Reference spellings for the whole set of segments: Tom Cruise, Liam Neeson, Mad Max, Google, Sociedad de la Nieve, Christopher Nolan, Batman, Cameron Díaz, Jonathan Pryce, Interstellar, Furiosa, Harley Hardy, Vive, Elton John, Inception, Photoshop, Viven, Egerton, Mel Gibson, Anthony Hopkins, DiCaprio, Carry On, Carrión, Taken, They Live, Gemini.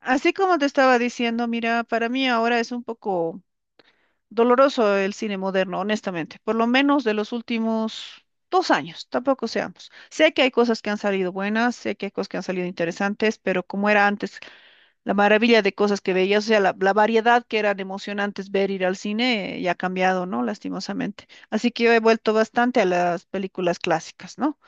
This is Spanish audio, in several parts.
Así como te estaba diciendo, mira, para mí ahora es un poco doloroso el cine moderno, honestamente, por lo menos de los últimos dos años, tampoco seamos. Sé que hay cosas que han salido buenas, sé que hay cosas que han salido interesantes, pero como era antes, la maravilla de cosas que veías, o sea, la variedad que eran emocionantes ver ir al cine, ya ha cambiado, ¿no? Lastimosamente. Así que yo he vuelto bastante a las películas clásicas, ¿no?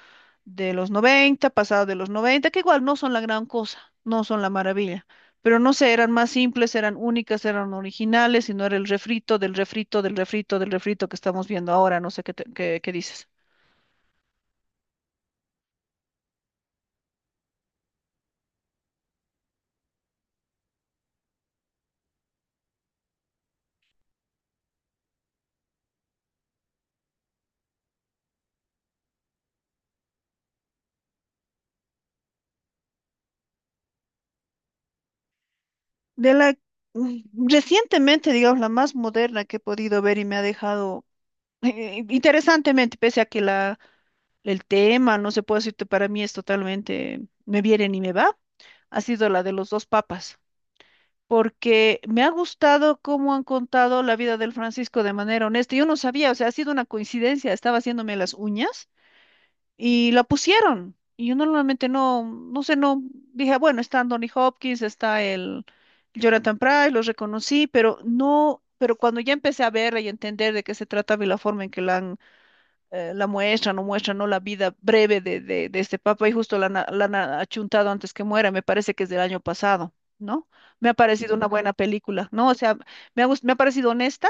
De los noventa, pasados de los noventa, que igual no son la gran cosa, no son la maravilla, pero no sé, eran más simples, eran únicas, eran originales y no era el refrito del refrito del refrito del refrito que estamos viendo ahora, no sé qué, qué, qué dices. De la recientemente, digamos, la más moderna que he podido ver y me ha dejado interesantemente, pese a que la, el tema, no se puede decirte, para mí es totalmente, me viene y me va, ha sido la de los dos papas. Porque me ha gustado cómo han contado la vida del Francisco de manera honesta. Yo no sabía, o sea, ha sido una coincidencia, estaba haciéndome las uñas y la pusieron. Y yo normalmente no, no sé, no, dije, bueno, está Anthony Hopkins, está el Jonathan Pryce, los reconocí, pero no, pero cuando ya empecé a verla y entender de qué se trataba y la forma en que la han, la muestran o muestran, ¿no? La vida breve de, de este papa y justo la, la han achuntado antes que muera, me parece que es del año pasado, ¿no? Me ha parecido una buena película, ¿no? O sea, me ha parecido honesta,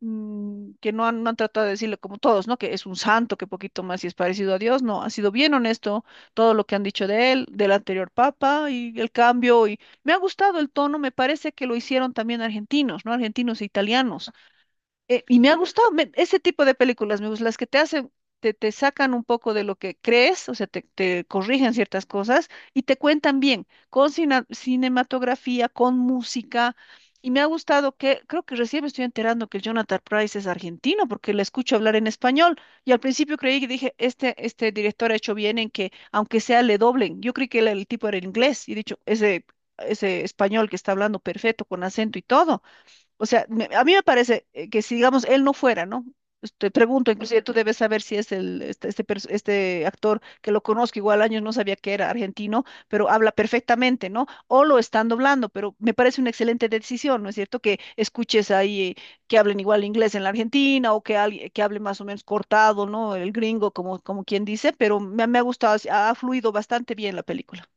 que no han, tratado de decirle como todos, ¿no? Que es un santo, que poquito más y es parecido a Dios. No, ha sido bien honesto todo lo que han dicho de él, del anterior papa y el cambio, y me ha gustado el tono. Me parece que lo hicieron también argentinos, ¿no? Argentinos e italianos. Y me ha gustado ese tipo de películas, me gustan las que te hacen, te sacan un poco de lo que crees, o sea, te corrigen ciertas cosas y te cuentan bien, con cinematografía, con música. Y me ha gustado que, creo que recién me estoy enterando que el Jonathan Price es argentino, porque le escucho hablar en español. Y al principio creí que dije, este director ha hecho bien en que, aunque sea, le doblen. Yo creí que el tipo era inglés y he dicho, ese español que está hablando perfecto, con acento y todo. O sea, a mí me parece que si, digamos, él no fuera, ¿no? Pues, te pregunto, inclusive tú debes saber si es el, este actor que lo conozco. Igual, años no sabía que era argentino, pero habla perfectamente, ¿no? O lo están doblando, pero me parece una excelente decisión, ¿no es cierto? Que escuches ahí que hablen igual inglés en la Argentina o que alguien que hable más o menos cortado, ¿no? El gringo, como, como quien dice. Pero me ha gustado, ha fluido bastante bien la película.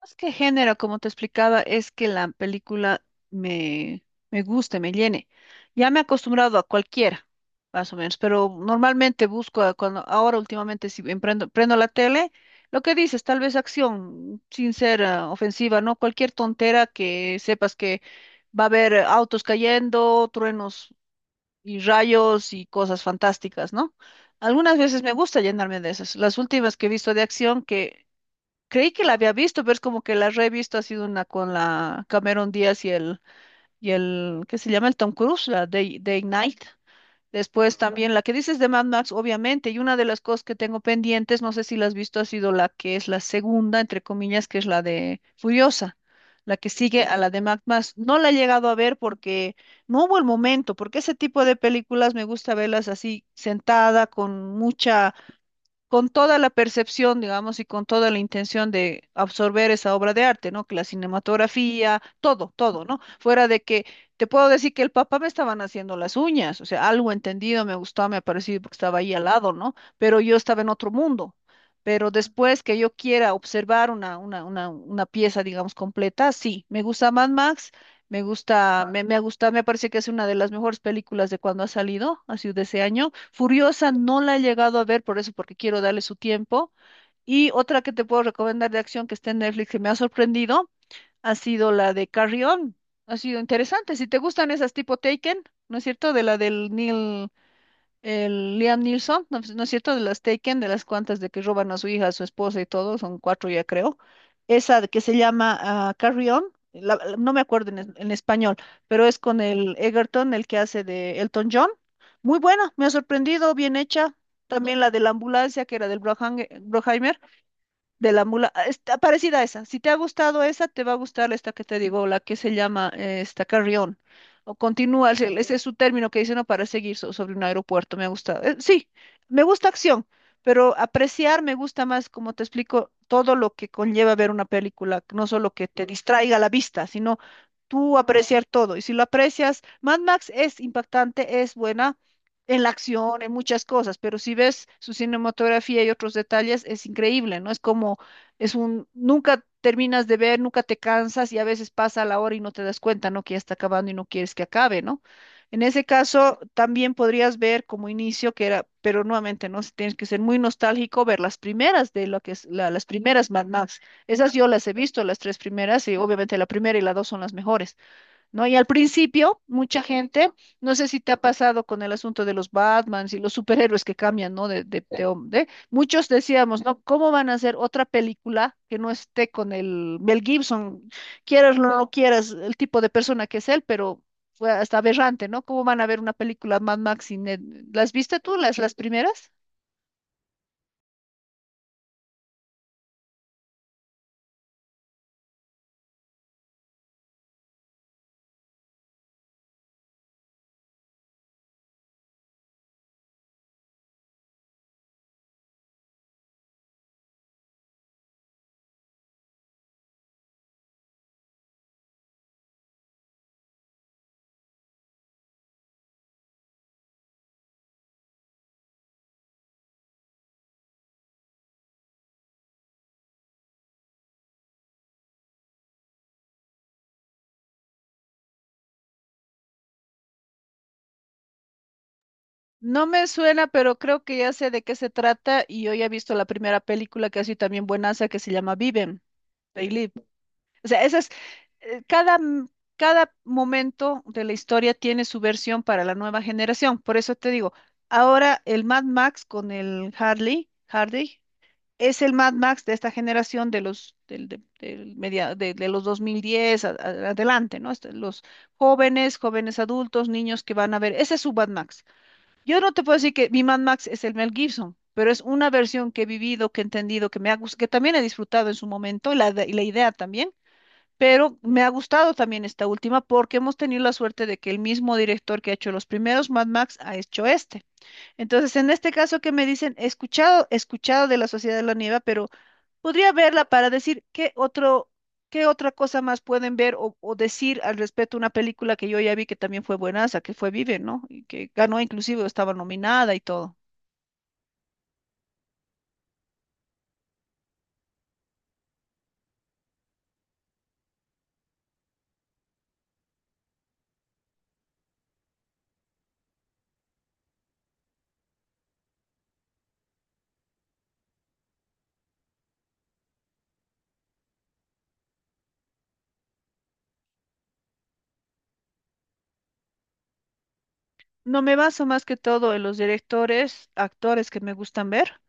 Más que género, como te explicaba, es que la película me, me guste, me llene. Ya me he acostumbrado a cualquiera, más o menos, pero normalmente busco, a cuando ahora últimamente si prendo la tele, lo que dices, tal vez acción, sin ser ofensiva, ¿no? Cualquier tontera que sepas que va a haber autos cayendo, truenos y rayos y cosas fantásticas, ¿no? Algunas veces me gusta llenarme de esas. Las últimas que he visto de acción que creí que la había visto, pero es como que la revisto, ha sido una con la Cameron Díaz y y el, ¿qué se llama? El Tom Cruise, la de de Ignite. Después también la que dices de Mad Max, obviamente, y una de las cosas que tengo pendientes, no sé si la has visto, ha sido la que es la segunda, entre comillas, que es la de Furiosa, la que sigue a la de Mad Max. No la he llegado a ver porque no hubo el momento, porque ese tipo de películas me gusta verlas así sentada, con mucha, con toda la percepción, digamos, y con toda la intención de absorber esa obra de arte, ¿no? Que la cinematografía, todo, todo, ¿no? Fuera de que te puedo decir que el papá me estaban haciendo las uñas, o sea, algo entendido, me gustó, me ha parecido porque estaba ahí al lado, ¿no? Pero yo estaba en otro mundo. Pero después que yo quiera observar una pieza, digamos, completa, sí, me gusta Mad Max. Me gusta, me ha gustado, me parece que es una de las mejores películas de cuando ha salido, así, de ese año. Furiosa no la he llegado a ver por eso, porque quiero darle su tiempo. Y otra que te puedo recomendar de acción que está en Netflix que me ha sorprendido, ha sido la de Carrion. Ha sido interesante. Si te gustan esas tipo Taken, ¿no es cierto? De la del Neil. El Liam Neeson, ¿no, no es cierto? De las Taken, de las cuantas de que roban a su hija, a su esposa y todo, son cuatro ya creo. Esa de que se llama Carry On, no me acuerdo en, en español, pero es con el Egerton, el que hace de Elton John. Muy buena, me ha sorprendido, bien hecha. También la de la ambulancia, que era del Broheimer, de la mula. Ah, está parecida a esa. Si te ha gustado esa, te va a gustar esta que te digo, la que se llama esta, Carrión. O Continúa, ese es su término que dice, ¿no?, para seguir sobre un aeropuerto. Me ha gustado. Sí, me gusta acción, pero apreciar me gusta más, como te explico, todo lo que conlleva ver una película, no solo que te distraiga la vista, sino tú apreciar todo. Y si lo aprecias, Mad Max es impactante, es buena, en la acción, en muchas cosas, pero si ves su cinematografía y otros detalles, es increíble, ¿no? Es como, nunca terminas de ver, nunca te cansas y a veces pasa la hora y no te das cuenta, ¿no?, que ya está acabando y no quieres que acabe, ¿no? En ese caso, también podrías ver como inicio que era, pero nuevamente, ¿no? Si tienes que ser muy nostálgico, ver las primeras de lo que es, las primeras Mad Max. Esas yo las he visto, las tres primeras, y obviamente la primera y la dos son las mejores, ¿no? Y al principio, mucha gente, no sé si te ha pasado con el asunto de los Batmans y los superhéroes que cambian, ¿no? Muchos decíamos, ¿no?, ¿cómo van a hacer otra película que no esté con el Mel Gibson? Quieras o no quieras, el tipo de persona que es él, pero fue hasta aberrante, ¿no? ¿Cómo van a ver una película Mad Max sin él? ¿Las viste tú, las primeras? No me suena, pero creo que ya sé de qué se trata, y yo ya he visto la primera película, que así también buenaza, que se llama Viven, They Live. O sea, esa es, eh, cada, m- cada momento de la historia tiene su versión para la nueva generación. Por eso te digo, ahora el Mad Max con el Harley, Hardy, es el Mad Max de esta generación, de los, del, de, del media- de los 2010 adelante, ¿no? Este, los jóvenes, adultos, niños que van a ver, ese es su Mad Max. Yo no te puedo decir que mi Mad Max es el Mel Gibson, pero es una versión que he vivido, que he entendido, que me ha gustado, que también he disfrutado en su momento, y la, y la idea también, pero me ha gustado también esta última porque hemos tenido la suerte de que el mismo director que ha hecho los primeros Mad Max ha hecho este. Entonces, en este caso que me dicen, he escuchado de la Sociedad de la Nieve, pero podría verla para decir qué otra cosa más pueden ver o decir al respecto a una película que yo ya vi que también fue buenaza, que fue Vive, ¿no? Y que ganó, inclusive, o estaba nominada y todo. No me baso más que todo en los directores, actores que me gustan ver.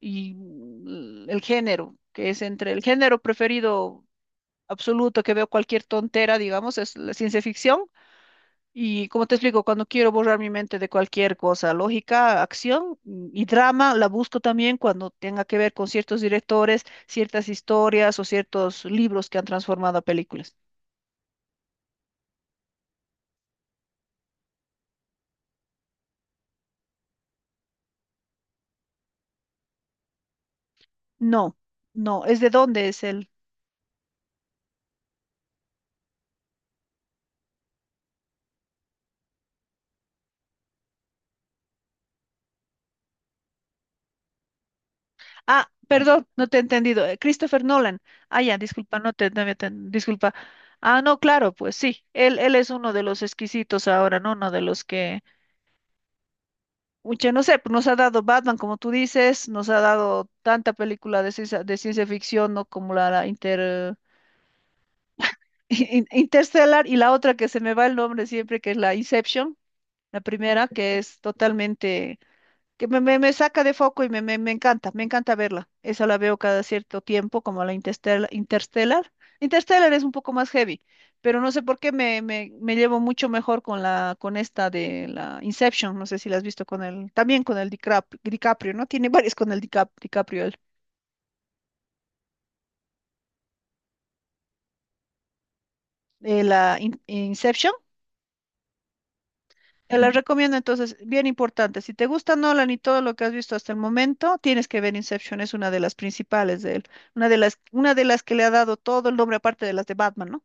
Y el género, que es, entre el género preferido absoluto que veo cualquier tontera, digamos, es la ciencia ficción. Y como te explico, cuando quiero borrar mi mente de cualquier cosa, lógica, acción, y drama, la busco también cuando tenga que ver con ciertos directores, ciertas historias o ciertos libros que han transformado a películas. No, no, es de dónde es el... Ah, perdón, no te he entendido. Christopher Nolan. Ah, ya, disculpa, no te, no había ten- disculpa. Ah, no, claro, pues sí. Él es uno de los exquisitos ahora, ¿no? Uno de los que, mucha, no sé, pues nos ha dado Batman, como tú dices, nos ha dado tanta película de ciencia ficción, ¿no? Como la Interstellar, y la otra que se me va el nombre siempre, que es la Inception, la primera, que es totalmente, que me saca de foco y me encanta verla. Esa la veo cada cierto tiempo, como la Interstellar. Interstellar. Interstellar es un poco más heavy, pero no sé por qué me llevo mucho mejor con con esta de la Inception. No sé si la has visto, con también con el DiCaprio, ¿no? Tiene varias con el DiCaprio, Inception. Te las recomiendo, entonces. Bien importante. Si te gusta Nolan y todo lo que has visto hasta el momento, tienes que ver Inception. Es una de las principales de él, una de las, que le ha dado todo el nombre, aparte de las de Batman, ¿no?